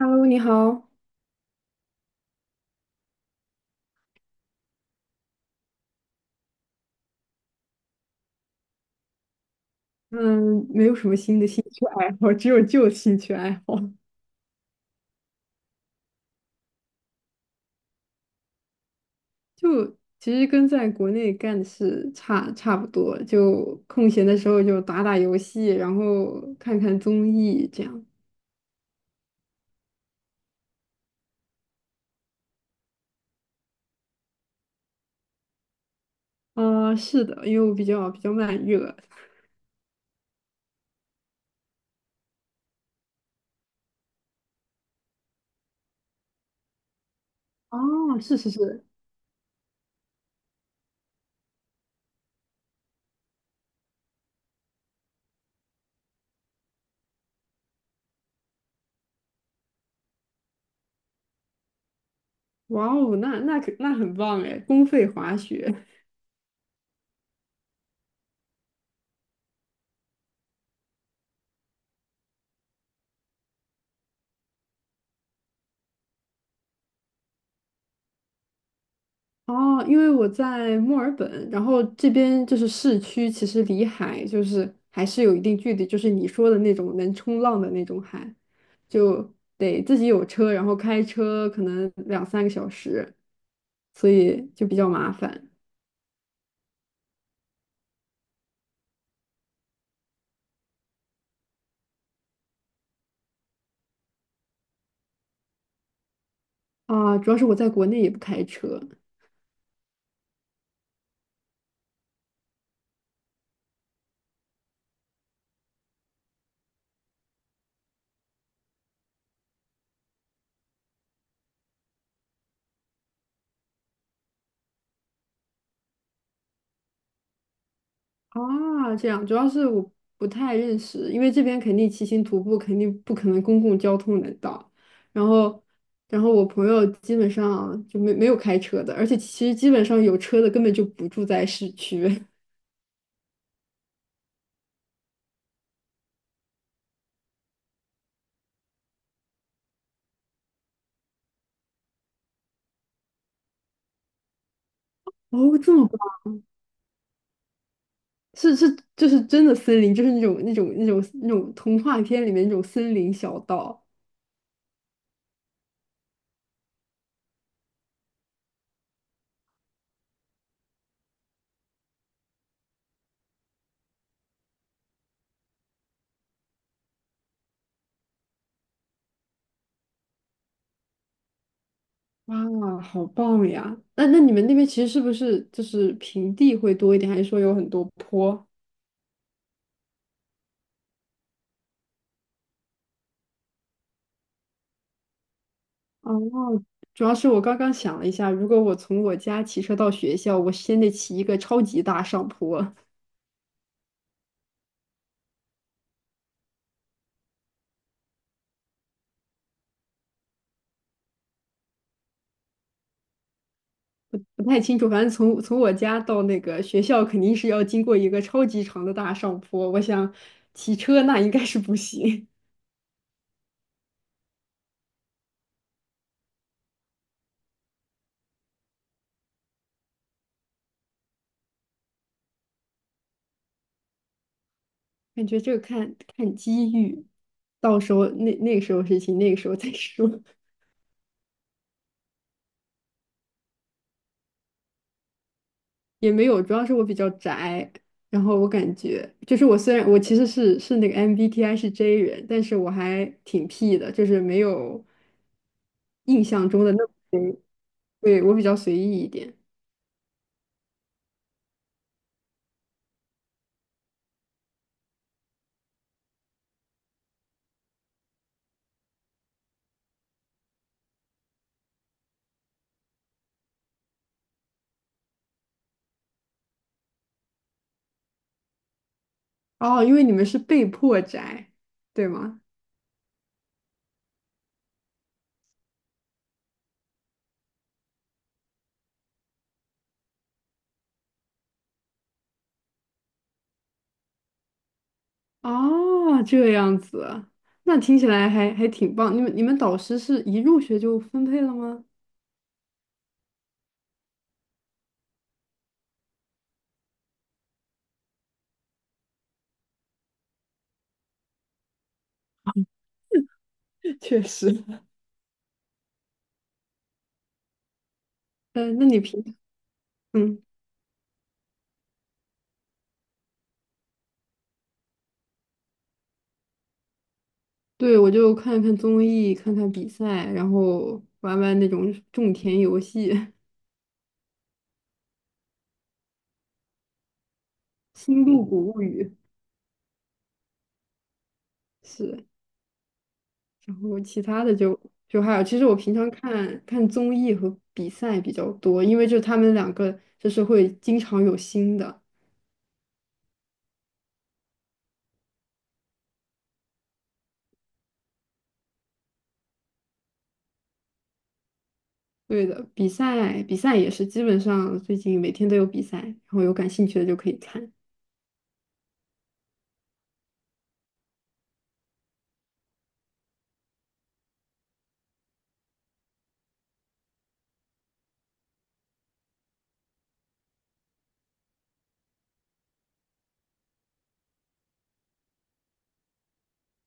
Hello，你好。嗯，没有什么新的兴趣爱好，只有旧兴趣爱好。就其实跟在国内干的事差不多，就空闲的时候就打打游戏，然后看看综艺这样。啊、是的，因为我比较慢热。哦，是是是，哇哦，那很棒哎，公费滑雪。哦，因为我在墨尔本，然后这边就是市区，其实离海就是还是有一定距离，就是你说的那种能冲浪的那种海，就得自己有车，然后开车可能两三个小时，所以就比较麻烦。啊。主要是我在国内也不开车。啊，这样，主要是我不太认识，因为这边肯定骑行徒步肯定不可能公共交通能到，然后，然后我朋友基本上就没有开车的，而且其实基本上有车的根本就不住在市区。哦，这么棒，是是，就是真的森林，就是那种童话片里面那种森林小道。哇，好棒呀！那你们那边其实是不是就是平地会多一点，还是说有很多坡？哦，主要是我刚刚想了一下，如果我从我家骑车到学校，我先得骑一个超级大上坡，不太清楚。反正从我家到那个学校，肯定是要经过一个超级长的大上坡。我想骑车那应该是不行，感觉这个看看机遇，到时候那个时候事情，那个时候再说。也没有，主要是我比较宅，然后我感觉就是我虽然我其实是那个 MBTI 是 J 人，但是我还挺 P 的，就是没有印象中的那么 J，对，我比较随意一点。哦，因为你们是被迫宅，对吗？哦，这样子，那听起来还挺棒。你们导师是一入学就分配了吗？确实。嗯，那你平嗯。对，我就看看综艺，看看比赛，然后玩玩那种种田游戏，《星露谷物语》是，然后其他的就还有，其实我平常看看综艺和比赛比较多，因为就他们两个就是会经常有新的。对的，比赛也是，基本上最近每天都有比赛，然后有感兴趣的就可以看。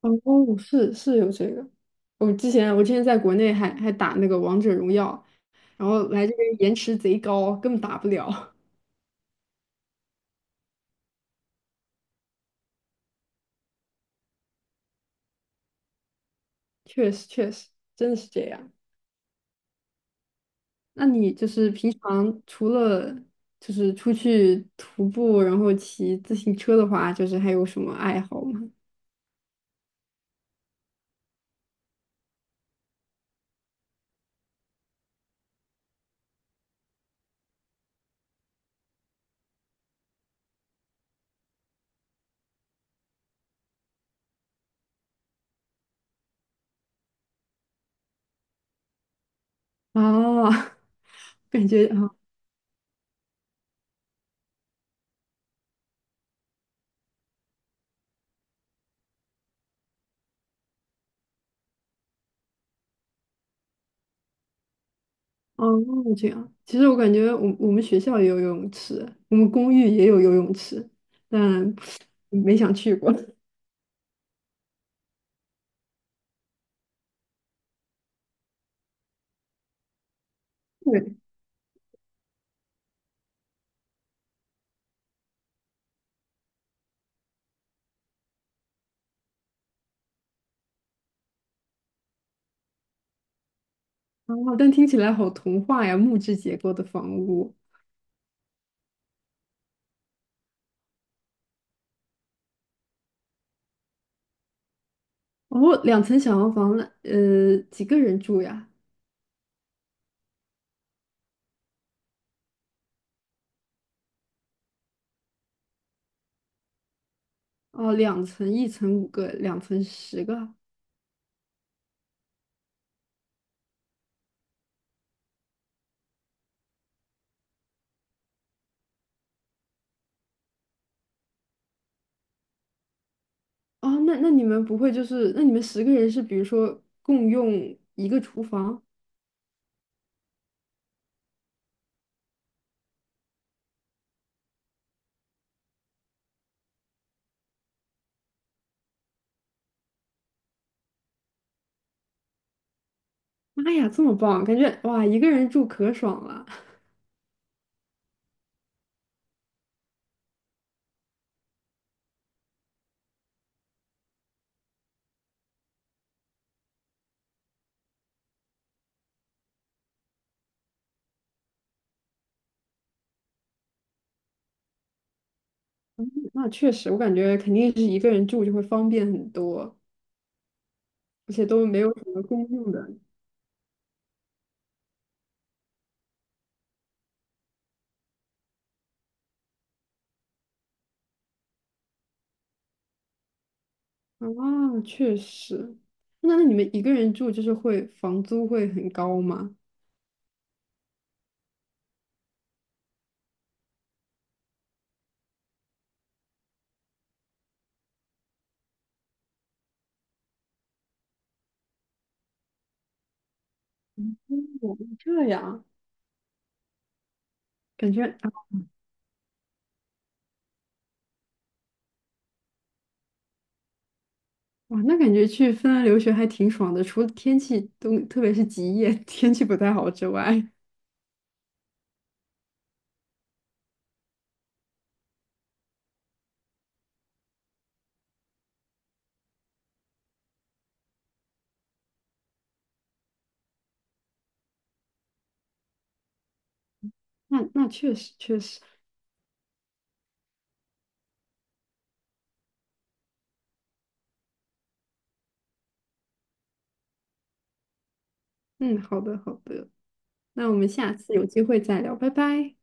哦，是是有这个，我之前在国内还打那个王者荣耀。然后来这边延迟贼高，根本打不了。确实，确实，真的是这样。那你就是平常除了就是出去徒步，然后骑自行车的话，就是还有什么爱好吗？啊，感觉啊，哦，这样。其实我感觉我们学校也有游泳池，我们公寓也有游泳池，但没想去过。对，啊，但听起来好童话呀，木质结构的房屋。哦，两层小洋房，那几个人住呀？哦，两层，一层五个，两层十个。哦，那你们不会就是，那你们十个人是比如说共用一个厨房？妈呀，这么棒，感觉哇，一个人住可爽了。那确实，我感觉肯定是一个人住就会方便很多，而且都没有什么公用的。啊，确实。那你们一个人住就是会房租会很高吗？哦，这样感觉啊哇，那感觉去芬兰留学还挺爽的，除了天气都，特别是极夜 天气不太好之外，那确实确实，嗯，好的好的，那我们下次有机会再聊，拜拜。